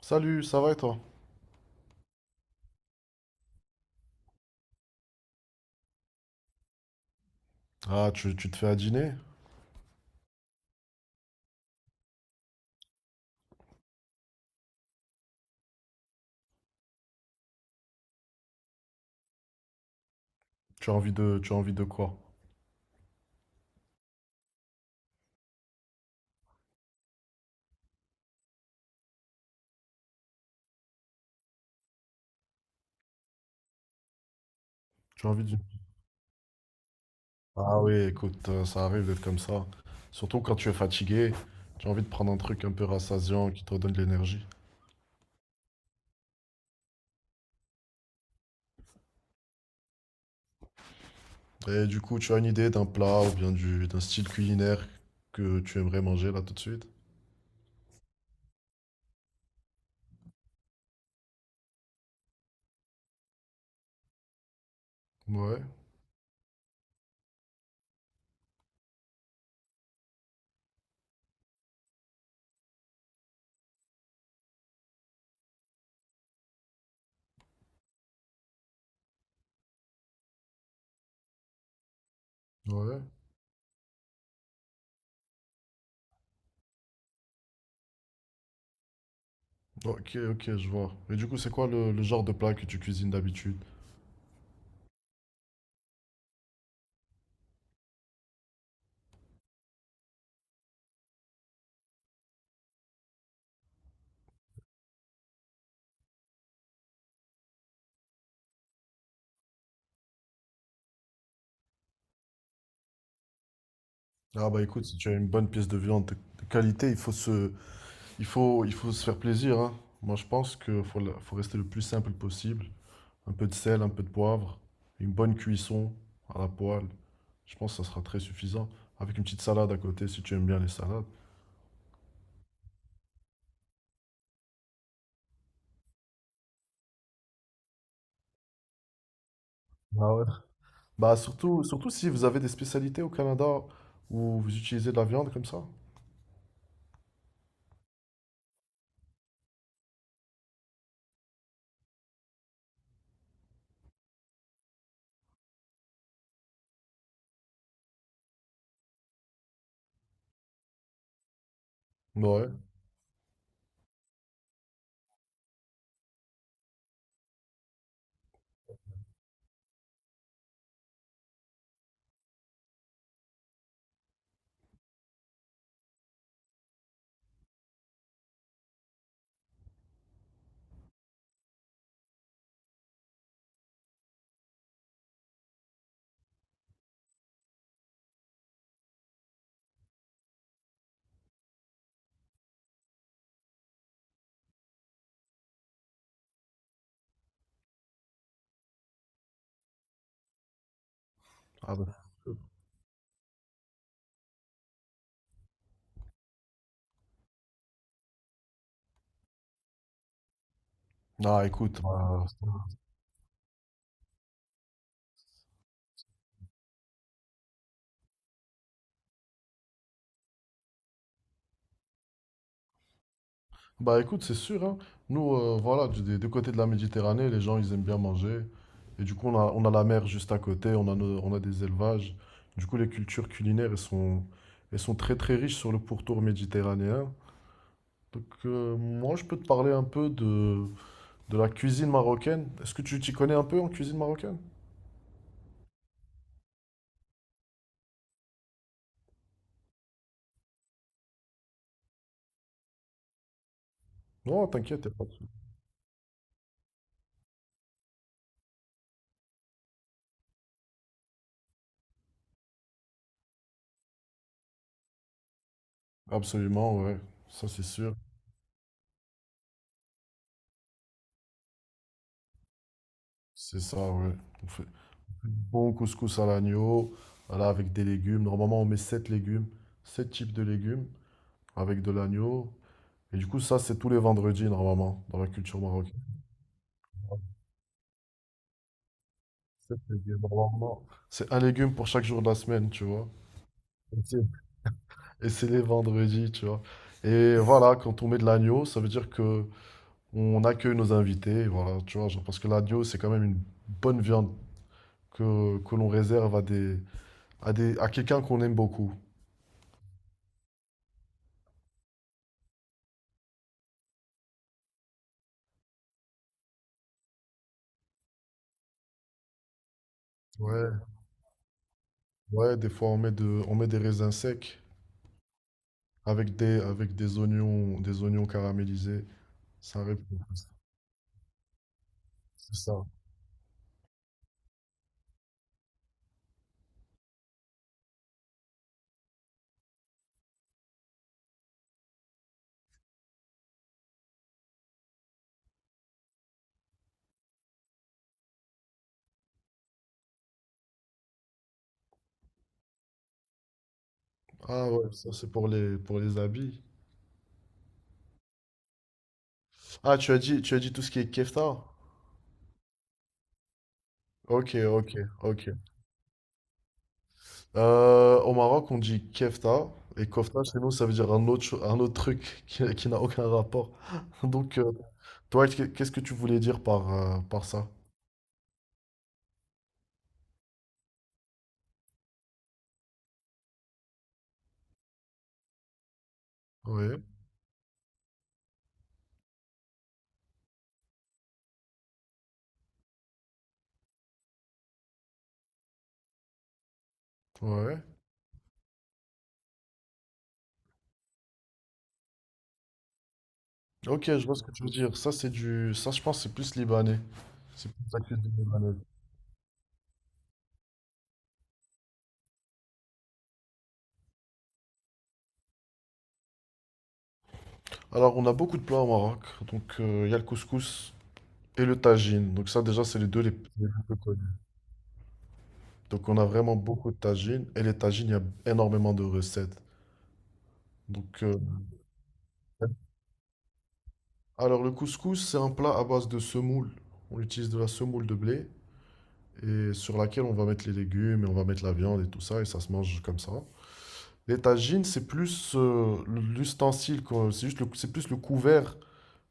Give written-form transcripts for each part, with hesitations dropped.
Salut, ça va et toi? Ah, tu te fais à dîner? Tu as envie de quoi? Tu as envie d'une... Ah oui, écoute, ça arrive d'être comme ça. Surtout quand tu es fatigué, tu as envie de prendre un truc un peu rassasiant qui te donne de l'énergie. Et du coup, tu as une idée d'un plat ou bien du, d'un style culinaire que tu aimerais manger là tout de suite? Ouais, ouais. Ok, ok, je vois. Et du coup, c'est quoi le genre de plat que tu cuisines d'habitude? Ah bah écoute, si tu as une bonne pièce de viande de qualité, il faut se, Il faut se faire plaisir, hein. Moi, je pense qu'il faut, la- faut rester le plus simple possible. Un peu de sel, un peu de poivre, une bonne cuisson à la poêle. Je pense que ça sera très suffisant. Avec une petite salade à côté, si tu aimes bien les salades. Ah ouais. Bah, surtout si vous avez des spécialités au Canada où vous utilisez de la viande comme ça. Ouais. Ah, bah. Ah, écoute, bah. Bah écoute, c'est sûr, hein. Nous, voilà, du, des deux côtés de la Méditerranée, les gens, ils aiment bien manger. Et du coup, on a la mer juste à côté, on a, nos- on a des élevages. Du coup, les cultures culinaires, elles sont très très riches sur le pourtour méditerranéen. Donc, moi, je peux te parler un peu de la cuisine marocaine. Est-ce que tu t'y connais un peu en cuisine marocaine? Non, t'inquiète, y a pas de souci. Absolument, ouais. Ça, c'est sûr. C'est ça, ouais. On fait- Bon couscous à l'agneau, voilà, avec des légumes. Normalement, on met 7 légumes, 7 types de légumes avec de l'agneau. Et du coup, ça, c'est tous les vendredis, normalement, dans la culture marocaine. 7 légumes, normalement. C'est un légume pour chaque jour de la semaine, tu vois. Ok. Et c'est les vendredis, tu vois. Et voilà, quand on met de l'agneau, ça veut dire que on accueille nos invités, voilà, tu vois, genre, parce que l'agneau, c'est quand même une bonne viande que l'on réserve à des, à des, à quelqu'un qu'on aime beaucoup. Ouais. Ouais, des fois on met de, on met des raisins secs avec des oignons caramélisés. Ça répond. C'est ça. Ah ouais, ça c'est pour les habits. Ah, tu as dit tout ce qui est kefta? Ok, ok, ok. Au Maroc, on dit kefta et kofta chez nous, ça veut dire un autre, cho- un autre truc qui n'a aucun rapport. Donc, toi, qu'est- qu'est-ce que tu voulais dire par, par ça? Oui. Ouais, ouais. Ok, je vois ce que tu veux dire. Ça, c'est du. Ça, je pense, que c'est plus libanais. C'est plus la cuisine libanaise. Alors, on a beaucoup de plats au Maroc. Donc, il y a le couscous et le tagine. Donc, ça, déjà, c'est les deux les plus connus. Donc, on a vraiment beaucoup de tagines. Et les tagines, il y a énormément de recettes. Donc, euh, alors, le couscous, c'est un plat à base de semoule. On utilise de la semoule de blé et sur laquelle on va mettre les légumes et on va mettre la viande et tout ça. Et ça se mange comme ça. Les tagines, c'est plus l'ustensile, quoi. C'est juste le- c'est plus le couvert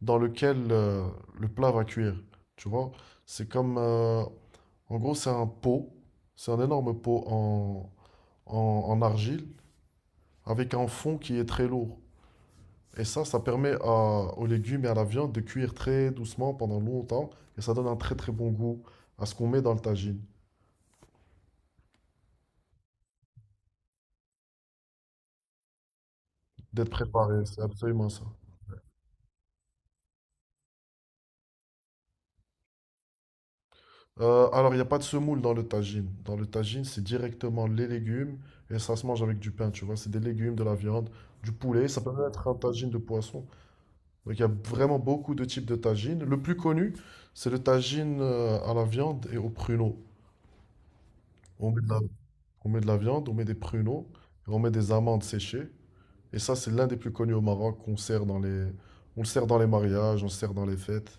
dans lequel le plat va cuire. Tu vois? C'est comme, en gros, c'est un pot. C'est un énorme pot en, en- en argile avec un fond qui est très lourd. Et ça permet à- aux légumes et à la viande de cuire très doucement pendant longtemps. Et ça donne un très très bon goût à ce qu'on met dans le tagine. D'être préparé, c'est absolument ça. Alors, il n'y a pas de semoule dans le tagine. Dans le tagine, c'est directement les légumes et ça se mange avec du pain, tu vois. C'est des légumes, de la viande, du poulet. Ça peut même être un tagine de poisson. Donc il y a vraiment beaucoup de types de tagines. Le plus connu, c'est le tagine à la viande et aux pruneaux. On met de la, on met de la viande, on met des pruneaux, et on met des amandes séchées. Et ça, c'est l'un des plus connus au Maroc qu'on sert dans les, on le sert dans les mariages, on le sert dans les fêtes.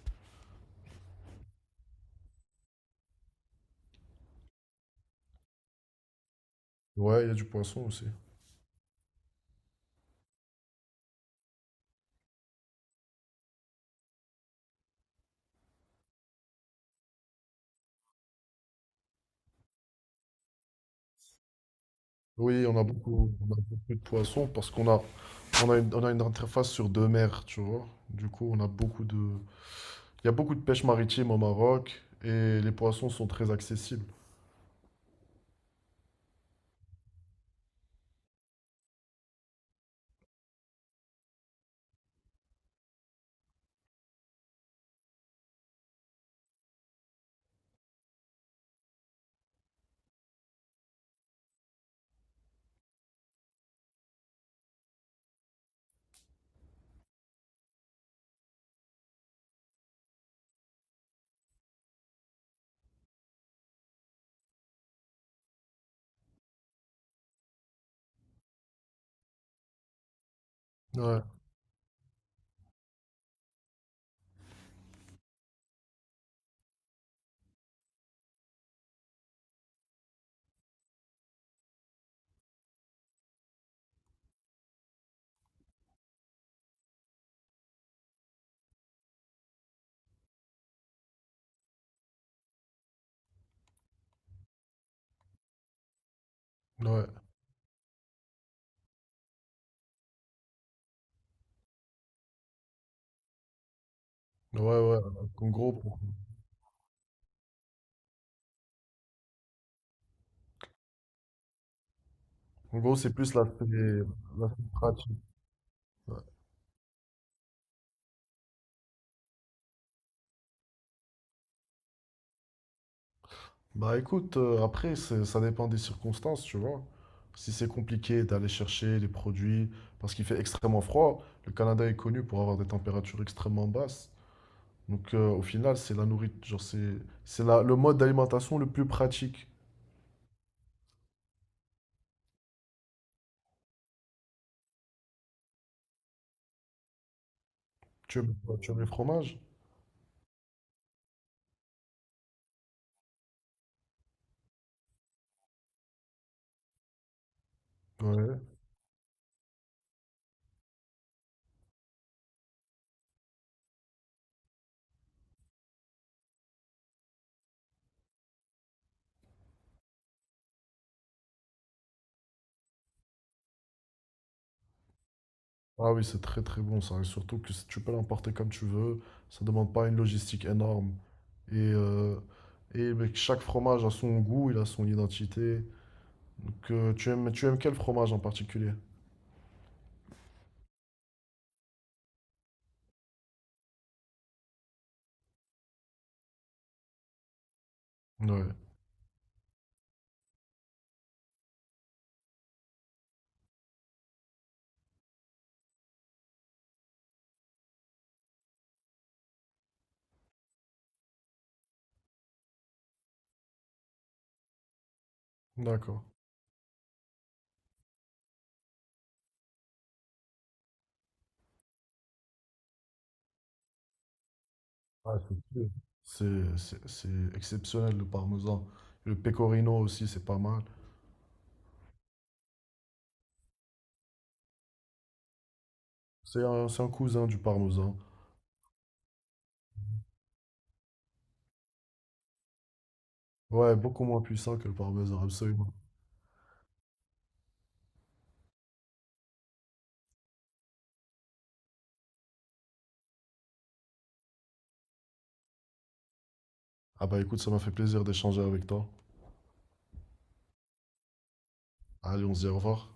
Ouais, il y a du poisson aussi. Oui, on a beaucoup de poissons parce qu'on a, on a une interface sur deux mers, tu vois. Du coup, on a beaucoup de, il y a beaucoup de pêche maritime au Maroc et les poissons sont très accessibles. Ouais, ouais, ouais. En gros, pour- en gros, c'est plus l'aspect l'aspect pratique. Ouais. Bah écoute, après, c'est- ça dépend des circonstances, tu vois. Si c'est compliqué d'aller chercher les produits, parce qu'il fait extrêmement froid, le Canada est connu pour avoir des températures extrêmement basses. Donc au final, c'est la nourriture, genre c'est la- le mode d'alimentation le plus pratique. Tu aimes, tu aimes les fromages? Ah oui, c'est très très bon ça. Et surtout que si tu peux l'emporter comme tu veux, ça ne demande pas une logistique énorme. Et, euh, et mec, chaque fromage a son goût, il a son identité. Donc, tu aimes quel fromage en particulier? Ouais, d'accord. Ah, c'est sûr. C'est exceptionnel le parmesan. Le pecorino aussi, c'est pas mal. C'est un cousin du parmesan. Ouais, beaucoup moins puissant que le parmesan, absolument. Ah bah écoute, ça m'a fait plaisir d'échanger avec toi. Allez, on se dit au revoir.